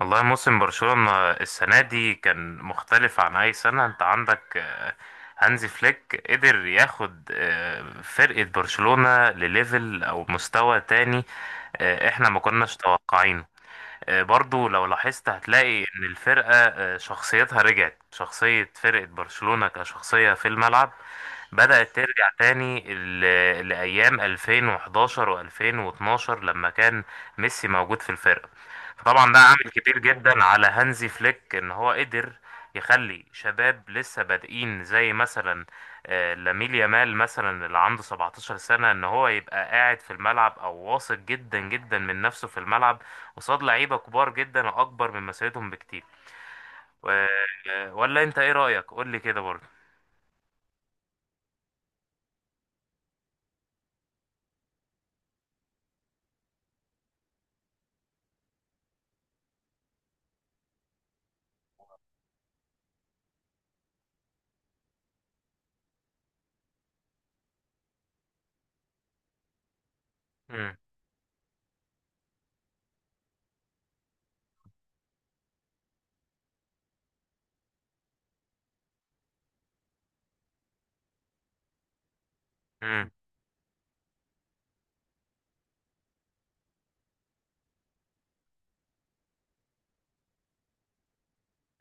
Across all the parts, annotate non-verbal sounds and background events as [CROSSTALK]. والله موسم برشلونة السنة دي كان مختلف عن أي سنة. أنت عندك هانزي فليك قدر ياخد فرقة برشلونة لليفل أو مستوى تاني. إحنا ما كناش متوقعينه. برضو لو لاحظت هتلاقي ان الفرقة شخصيتها رجعت شخصية فرقة برشلونة كشخصية في الملعب. بدأت ترجع تاني لأيام 2011 و2012 لما كان ميسي موجود في الفرقة. طبعا ده عامل كبير جدا على هانزي فليك ان هو قدر يخلي شباب لسه بادئين، زي مثلا لامين يامال مثلا اللي عنده 17 سنة ان هو يبقى قاعد في الملعب او واثق جدا جدا من نفسه في الملعب قصاد لعيبة كبار جدا وأكبر من مسيرتهم بكتير. و... ولا أنت إيه رأيك؟ قول لي كده برضه. مم. مم.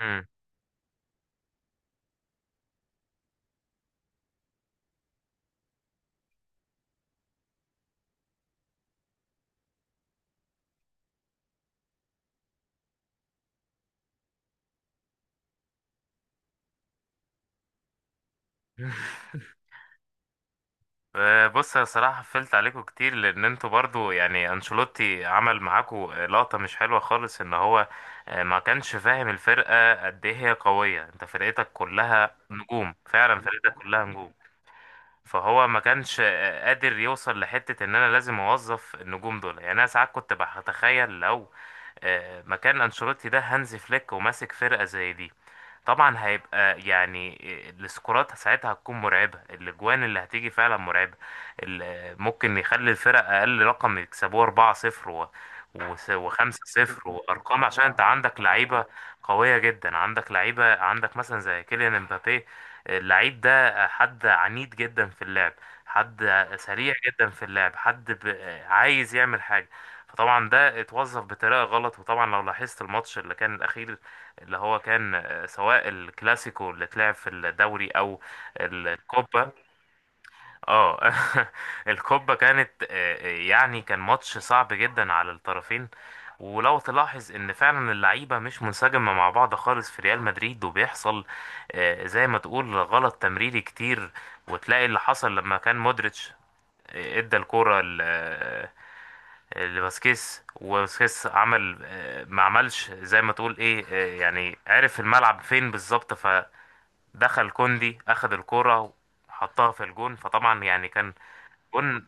مم. [LAUGHS] بص، أنا الصراحة قفلت عليكم كتير لأن أنتوا برضو يعني أنشيلوتي عمل معاكم لقطة مش حلوة خالص. إن هو ما كانش فاهم الفرقة قد إيه هي قوية. أنت فرقتك كلها نجوم، فعلا فرقتك كلها نجوم. فهو ما كانش قادر يوصل لحتة إن أنا لازم أوظف النجوم دول. يعني أنا ساعات كنت بتخيل لو مكان انشيلوتي ده هانزي فليك وماسك فرقة زي دي، طبعا هيبقى يعني السكورات ساعتها هتكون مرعبة، الاجوان اللي هتيجي فعلا مرعبة. ممكن يخلي الفرق اقل رقم يكسبوه 4-0 و5-0 وارقام عشان انت عندك لعيبة قوية جدا. عندك لعيبة، عندك مثلا زي كيليان امبابي. اللعيب ده حد عنيد جدا في اللعب، حد سريع جدا في اللعب، حد ب... آه، عايز يعمل حاجة. فطبعا ده اتوظف بطريقة غلط. وطبعا لو لاحظت الماتش اللي كان الأخير، اللي هو كان سواء الكلاسيكو اللي اتلعب في الدوري أو الكوبا. اه. [LAUGHS] الكوبا كانت يعني كان ماتش صعب جدا على الطرفين. ولو تلاحظ ان فعلا اللعيبه مش منسجمه مع بعض خالص في ريال مدريد، وبيحصل زي ما تقول غلط تمريري كتير. وتلاقي اللي حصل لما كان مودريتش ادى الكرة لباسكيس، وباسكيس عمل ما عملش زي ما تقول ايه يعني عرف الملعب فين بالظبط. فدخل كوندي اخذ الكرة وحطها في الجون. فطبعا يعني كان جون.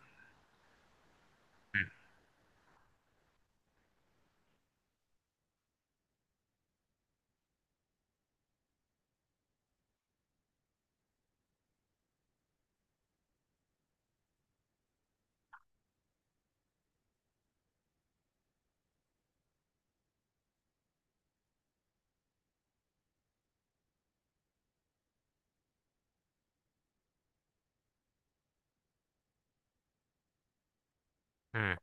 مم.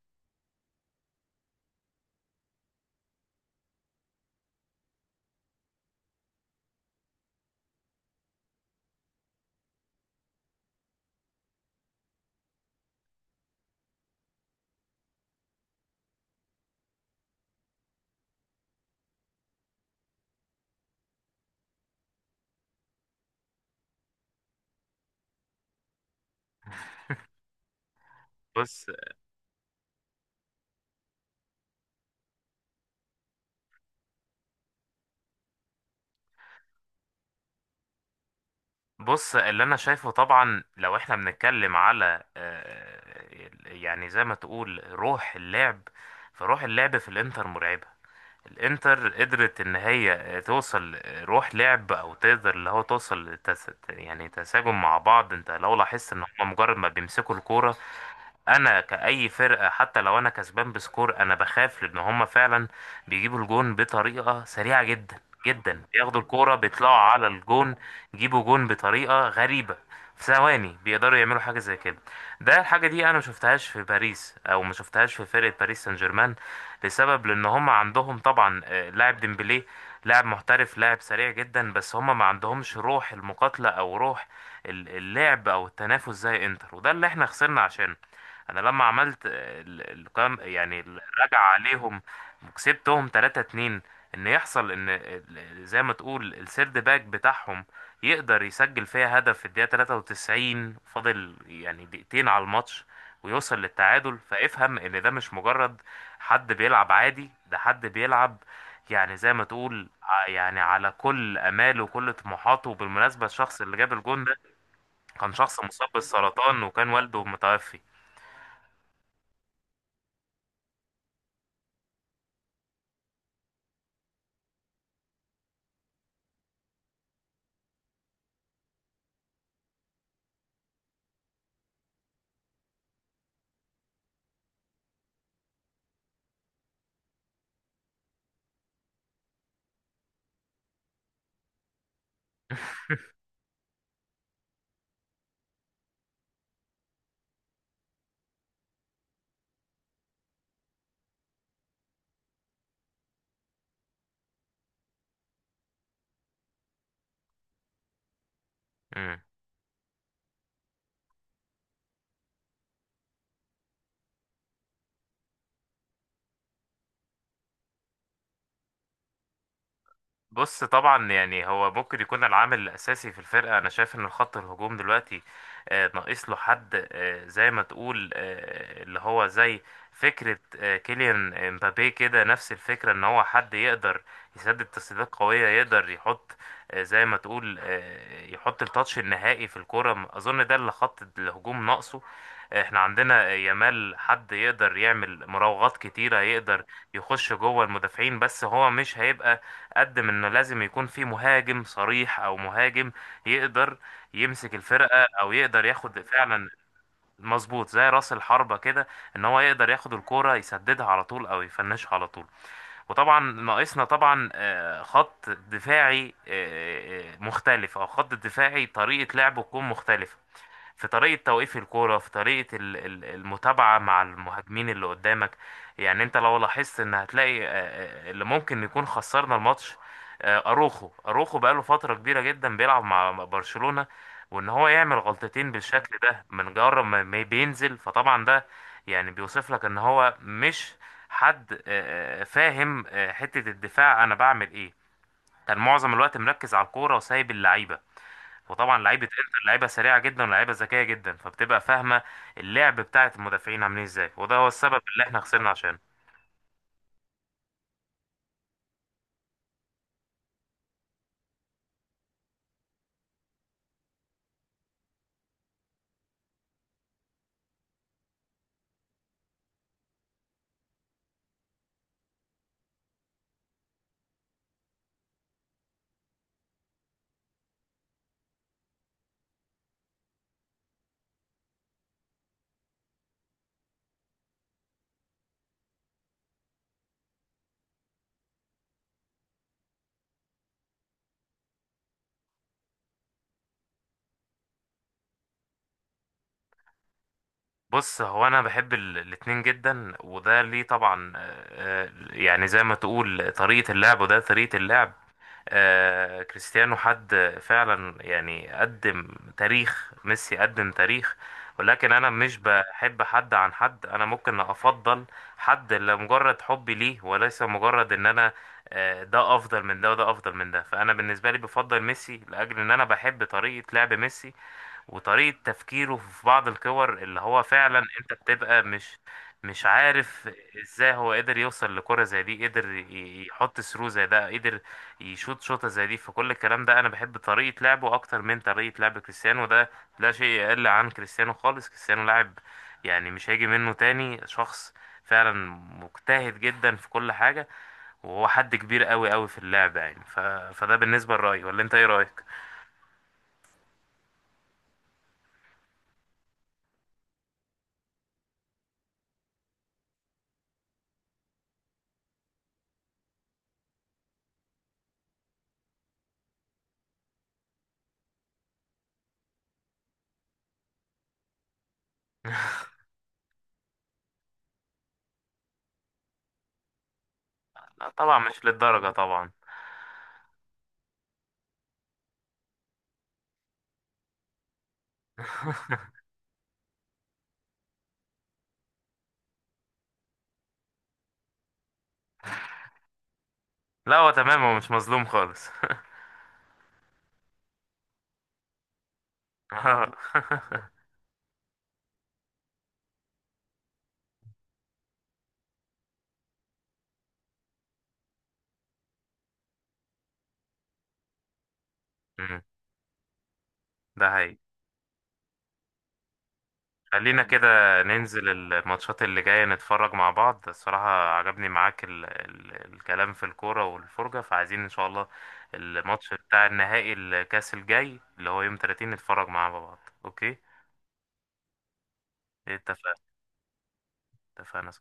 بص بص اللي انا شايفه، طبعا لو احنا بنتكلم على يعني زي ما تقول روح اللعب. فروح اللعب في الانتر مرعبة. الانتر قدرت ان هي توصل روح لعب او تقدر اللي هو توصل يعني تساجم مع بعض. انت لو لاحظت ان هم مجرد ما بيمسكوا الكوره، انا كأي فرقة حتى لو انا كسبان بسكور انا بخاف، لان هما فعلا بيجيبوا الجون بطريقة سريعة جدا جدا. بياخدوا الكورة بيطلعوا على الجون، يجيبوا جون بطريقة غريبة. في ثواني بيقدروا يعملوا حاجة زي كده. ده الحاجة دي انا ما شفتهاش في باريس او ما شفتهاش في فرقة باريس سان جيرمان. لسبب لان هما عندهم طبعا لاعب ديمبلي. لاعب محترف لاعب سريع جدا، بس هما ما عندهمش روح المقاتلة او روح اللعب او التنافس زي انتر. وده اللي احنا خسرنا عشانه. انا لما عملت القيام، يعني الرجعة عليهم وكسبتهم 3-2. ان يحصل ان زي ما تقول السيرد باك بتاعهم يقدر يسجل فيها هدف في الدقيقة 93، فاضل يعني دقيقتين على الماتش، ويوصل للتعادل. فافهم ان ده مش مجرد حد بيلعب عادي، ده حد بيلعب يعني زي ما تقول يعني على كل اماله وكل طموحاته. وبالمناسبة الشخص اللي جاب الجون ده كان شخص مصاب بالسرطان وكان والده متوفي. [LAUGHS] بص طبعا يعني هو ممكن يكون العامل الأساسي في الفرقة. أنا شايف إن الخط الهجوم دلوقتي ناقص له حد زي ما تقول اللي هو زي فكرة كيليان امبابي كده، نفس الفكرة. إن هو حد يقدر يسدد تسديدات قوية، يقدر يحط زي ما تقول يحط التاتش النهائي في الكرة. أظن ده اللي خط الهجوم ناقصه. احنا عندنا يامال حد يقدر يعمل مراوغات كتيرة، يقدر يخش جوه المدافعين، بس هو مش هيبقى قد ما انه لازم يكون في مهاجم صريح، او مهاجم يقدر يمسك الفرقه او يقدر ياخد فعلا. مظبوط، زي راس الحربة كده، ان هو يقدر ياخد الكوره يسددها على طول او يفنشها على طول. وطبعا ناقصنا طبعا خط دفاعي مختلف، او خط دفاعي طريقه لعبه تكون مختلفه. في طريقة توقيف الكورة، في طريقة المتابعة مع المهاجمين اللي قدامك. يعني انت لو لاحظت ان هتلاقي اللي ممكن يكون خسرنا الماتش اروخو. اروخو بقاله فترة كبيرة جدا بيلعب مع برشلونة، وان هو يعمل غلطتين بالشكل ده من جرب ما بينزل. فطبعا ده يعني بيوصف لك ان هو مش حد فاهم حتة الدفاع انا بعمل ايه. كان معظم الوقت مركز على الكورة وسايب اللعيبة. وطبعا لعيبه انتر لعيبه سريعه جدا ولعيبه ذكيه جدا، فبتبقى فاهمه اللعب بتاعه المدافعين عاملين ازاي. وده هو السبب اللي احنا خسرنا عشانه. بص هو انا بحب الاتنين جدا، وده ليه طبعا يعني زي ما تقول طريقه اللعب، وده طريقه اللعب. كريستيانو حد فعلا يعني قدم تاريخ. ميسي قدم تاريخ. ولكن انا مش بحب حد عن حد، انا ممكن افضل حد لمجرد حبي ليه، وليس مجرد ان انا ده افضل من ده وده افضل من ده. فانا بالنسبه لي بفضل ميسي لاجل ان انا بحب طريقه لعب ميسي وطريقة تفكيره في بعض الكور، اللي هو فعلا انت بتبقى مش عارف ازاي هو قدر يوصل لكرة زي دي، قدر يحط ثرو زي ده، قدر يشوط شوطة زي دي. فكل الكلام ده انا بحب طريقة لعبه اكتر من طريقة لعب كريستيانو. ده لا شيء يقل عن كريستيانو خالص، كريستيانو لاعب يعني مش هيجي منه تاني شخص فعلا. مجتهد جدا في كل حاجة، وهو حد كبير قوي قوي في اللعبة يعني فده بالنسبة لرأيي. ولا انت ايه رأيك؟ لا طبعا مش للدرجة طبعا. لا هو تمام، هو مش مظلوم خالص. [LAUGHS] آه. مم، ده حقيقي. خلينا كده ننزل الماتشات اللي جاية نتفرج مع بعض. الصراحة عجبني معاك ال ال الكلام في الكورة والفرجة. فعايزين إن شاء الله الماتش بتاع النهائي الكاس الجاي اللي هو يوم 30 نتفرج مع بعض. أوكي. اتفقنا. اتفقنا.